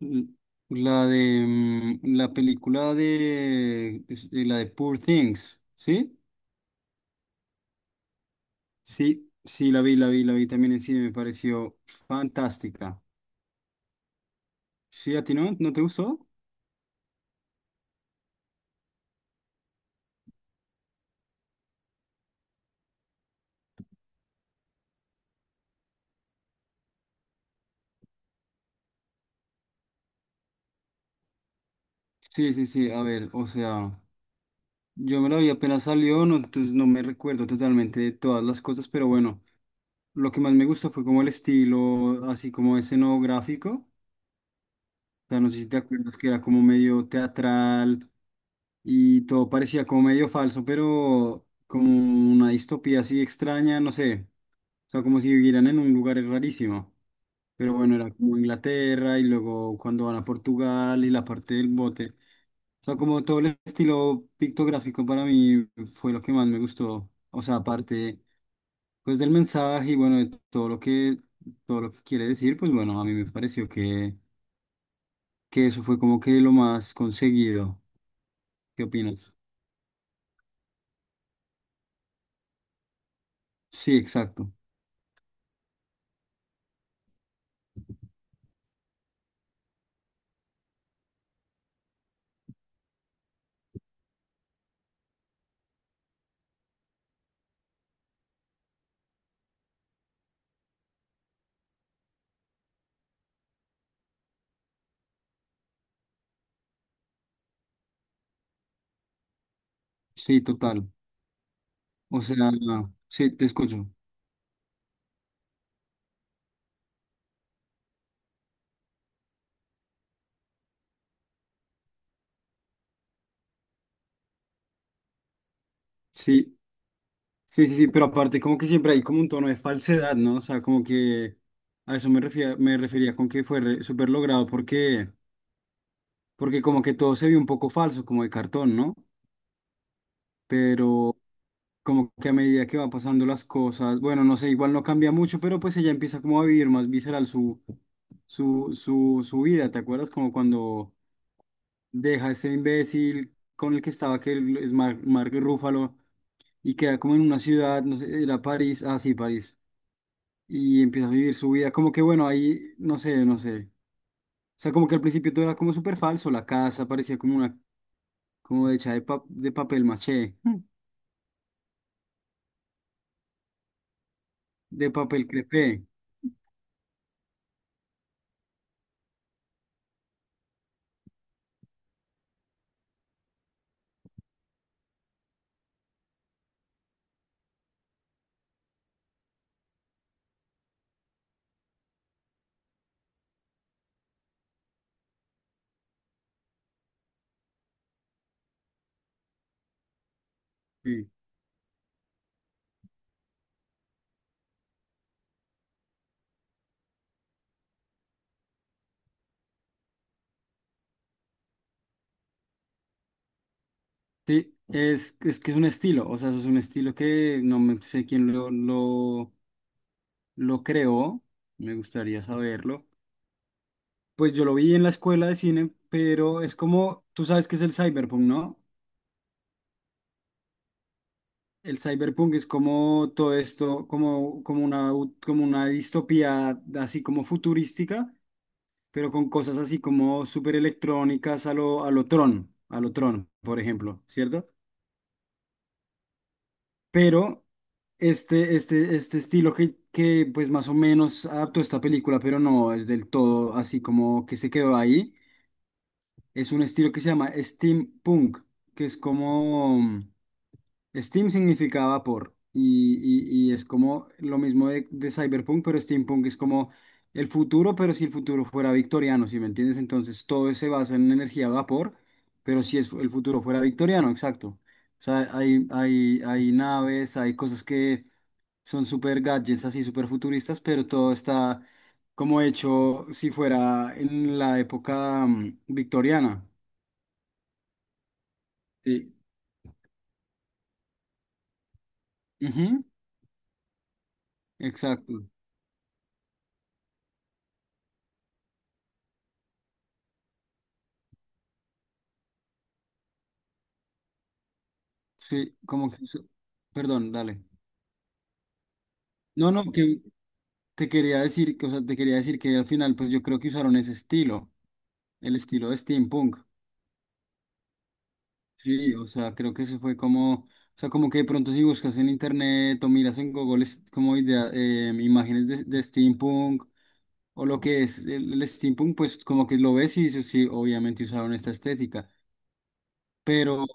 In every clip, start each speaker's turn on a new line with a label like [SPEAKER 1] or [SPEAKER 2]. [SPEAKER 1] L- La de la película de, de la de Poor Things, ¿sí? Sí, sí, la vi, la vi, la vi también en cine, me pareció fantástica. ¿Sí, a ti no? ¿No te gustó? Sí, sí, sí, a ver, o sea, yo me la vi apenas salió, no, entonces no me recuerdo totalmente de todas las cosas, pero bueno, lo que más me gustó fue como el estilo, así como escenográfico. Sea, no sé si te acuerdas que era como medio teatral y todo parecía como medio falso, pero como una distopía así extraña, no sé. O sea, como si vivieran en un lugar rarísimo. Pero bueno, era como Inglaterra y luego cuando van a Portugal y la parte del bote. O sea, como todo el estilo pictográfico para mí fue lo que más me gustó. O sea, aparte pues del mensaje y bueno, de todo lo que quiere decir, pues bueno, a mí me pareció que eso fue como que lo más conseguido. ¿Qué opinas? Sí, exacto. Sí, total. O sea, sí, te escucho. Sí, sí, pero aparte como que siempre hay como un tono de falsedad, ¿no? O sea, como que a eso me refería con que fue súper logrado porque, porque como que todo se vio un poco falso, como de cartón, ¿no? Pero como que a medida que va pasando las cosas, bueno, no sé, igual no cambia mucho, pero pues ella empieza como a vivir más visceral su, su vida, ¿te acuerdas? Como cuando deja a este imbécil con el que estaba, que es Mark Ruffalo y queda como en una ciudad, no sé, era París, ah, sí, París, y empieza a vivir su vida, como que bueno, ahí, no sé, no sé, o sea, como que al principio todo era como súper falso, la casa parecía como una, como hecha de, de papel maché. Mm. De papel crepé, sí. Sí, es que es un estilo, o sea, eso es un estilo que no me sé quién lo creó, me gustaría saberlo. Pues yo lo vi en la escuela de cine, pero es como, tú sabes que es el cyberpunk, ¿no? El cyberpunk es como todo esto, como, como una, como una distopía así como futurística, pero con cosas así como súper electrónicas a lo Tron, por ejemplo, ¿cierto? Pero este estilo que pues más o menos adaptó esta película, pero no es del todo así como que se quedó ahí, es un estilo que se llama steampunk, que es como... Steam significaba por, y, y es como lo mismo de cyberpunk, pero steampunk es como el futuro, pero si el futuro fuera victoriano, ¿si me entiendes? Entonces todo se basa en energía a vapor, pero si el futuro fuera victoriano, exacto. O sea, hay naves, hay cosas que son super gadgets, así super futuristas, pero todo está como hecho si fuera en la época victoriana. Sí. Ujú, exacto. Sí, como que eso. Perdón, dale. No, no, que te quería decir, que, o sea, te quería decir que al final, pues yo creo que usaron ese estilo, el estilo de steampunk. Sí, o sea, creo que eso fue como, o sea, como que de pronto si buscas en internet o miras en Google es como idea, imágenes de steampunk o lo que es el steampunk, pues como que lo ves y dices, sí, obviamente usaron esta estética, pero,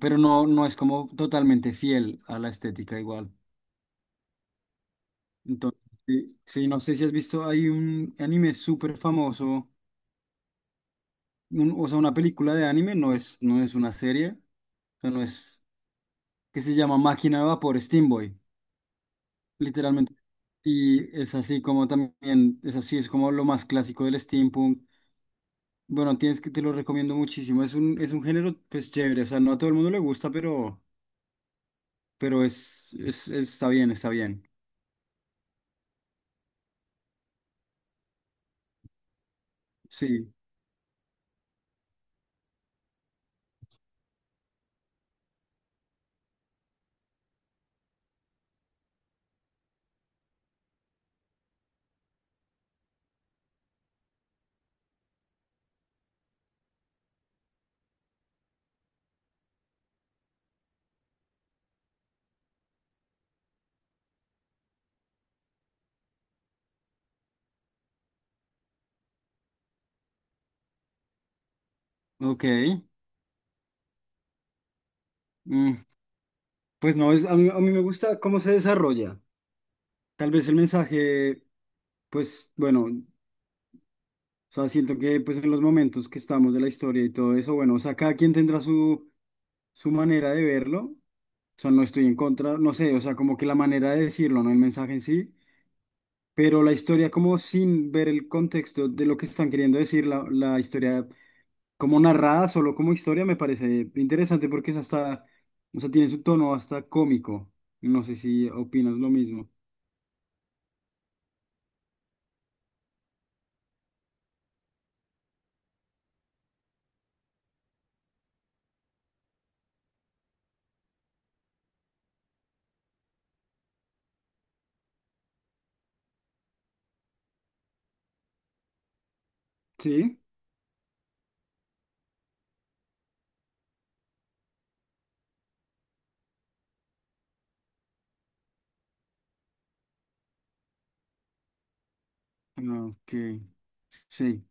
[SPEAKER 1] pero no, no es como totalmente fiel a la estética igual. Entonces, sí, sí, no sé si has visto, hay un anime súper famoso, o sea, una película de anime, no es, no es una serie, o sea, no es, que se llama Máquina de Vapor, Steam Boy, literalmente. Y es así como también, es así, es como lo más clásico del steampunk. Bueno, tienes que, te lo recomiendo muchísimo, es un género, pues, chévere, o sea, no a todo el mundo le gusta, pero es, está bien, está bien. Sí, ok. mm, Pues no, es, a mí me gusta cómo se desarrolla. Tal vez el mensaje pues bueno, o sea, siento que pues en los momentos que estamos de la historia y todo eso, bueno, o sea, cada quien tendrá su, su manera de verlo, o sea, no estoy en contra, no sé, o sea, como que la manera de decirlo, no el mensaje en sí, pero la historia como sin ver el contexto de lo que están queriendo decir, la historia como narrada, solo como historia, me parece interesante porque es hasta, o sea, tiene su tono hasta cómico, no sé si opinas lo mismo. Sí, ah, ok, sí.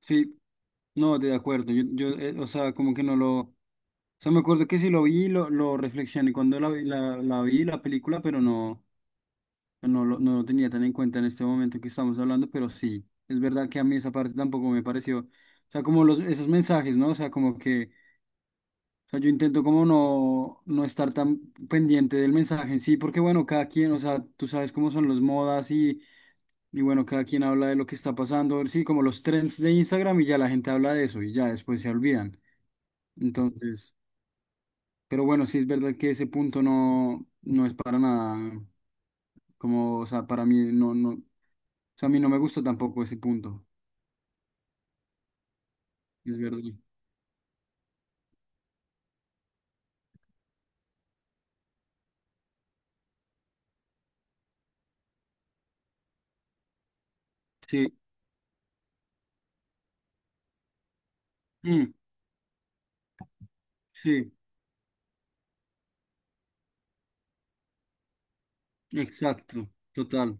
[SPEAKER 1] Sí, no, de acuerdo. Yo o sea, como que no lo... O sea, me acuerdo que sí lo vi, lo reflexioné cuando la, la, la vi, la película, pero no, no, no lo tenía tan en cuenta en este momento que estamos hablando, pero sí, es verdad que a mí esa parte tampoco me pareció. O sea, como los, esos mensajes, ¿no? O sea, como que... O sea, yo intento como no, no estar tan pendiente del mensaje en sí, porque bueno, cada quien, o sea, tú sabes cómo son las modas y bueno, cada quien habla de lo que está pasando, sí, como los trends de Instagram y ya la gente habla de eso y ya después se olvidan. Entonces, pero bueno, sí es verdad que ese punto no, no es para nada, como, o sea, para mí no, no, o sea, a mí no me gusta tampoco ese punto, es verdad. Sí, mm, sí, exacto, total,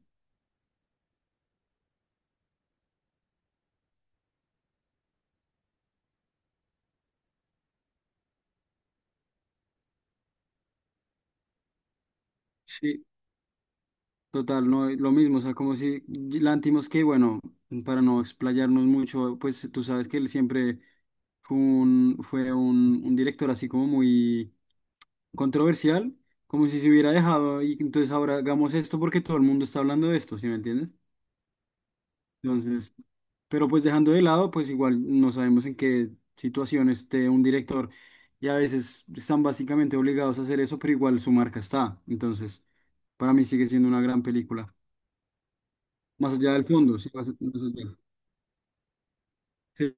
[SPEAKER 1] sí, total, no, es lo mismo, o sea, como si Lantimos que, bueno, para no explayarnos mucho, pues tú sabes que él siempre fue un director así como muy controversial, como si se hubiera dejado y entonces ahora hagamos esto porque todo el mundo está hablando de esto, ¿sí me entiendes? Entonces, pero pues dejando de lado, pues igual no sabemos en qué situación esté un director y a veces están básicamente obligados a hacer eso, pero igual su marca está. Entonces, para mí sigue siendo una gran película. Más allá del fondo, sí, más más allá. Sí.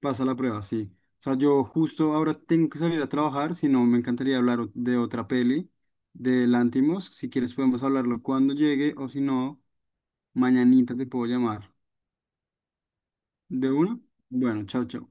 [SPEAKER 1] Pasa la prueba, sí. O sea, yo justo ahora tengo que salir a trabajar, si no, me encantaría hablar de otra peli, de Lantimos. Si quieres podemos hablarlo cuando llegue o si no, mañanita te puedo llamar. ¿De una? Bueno, chao, chao.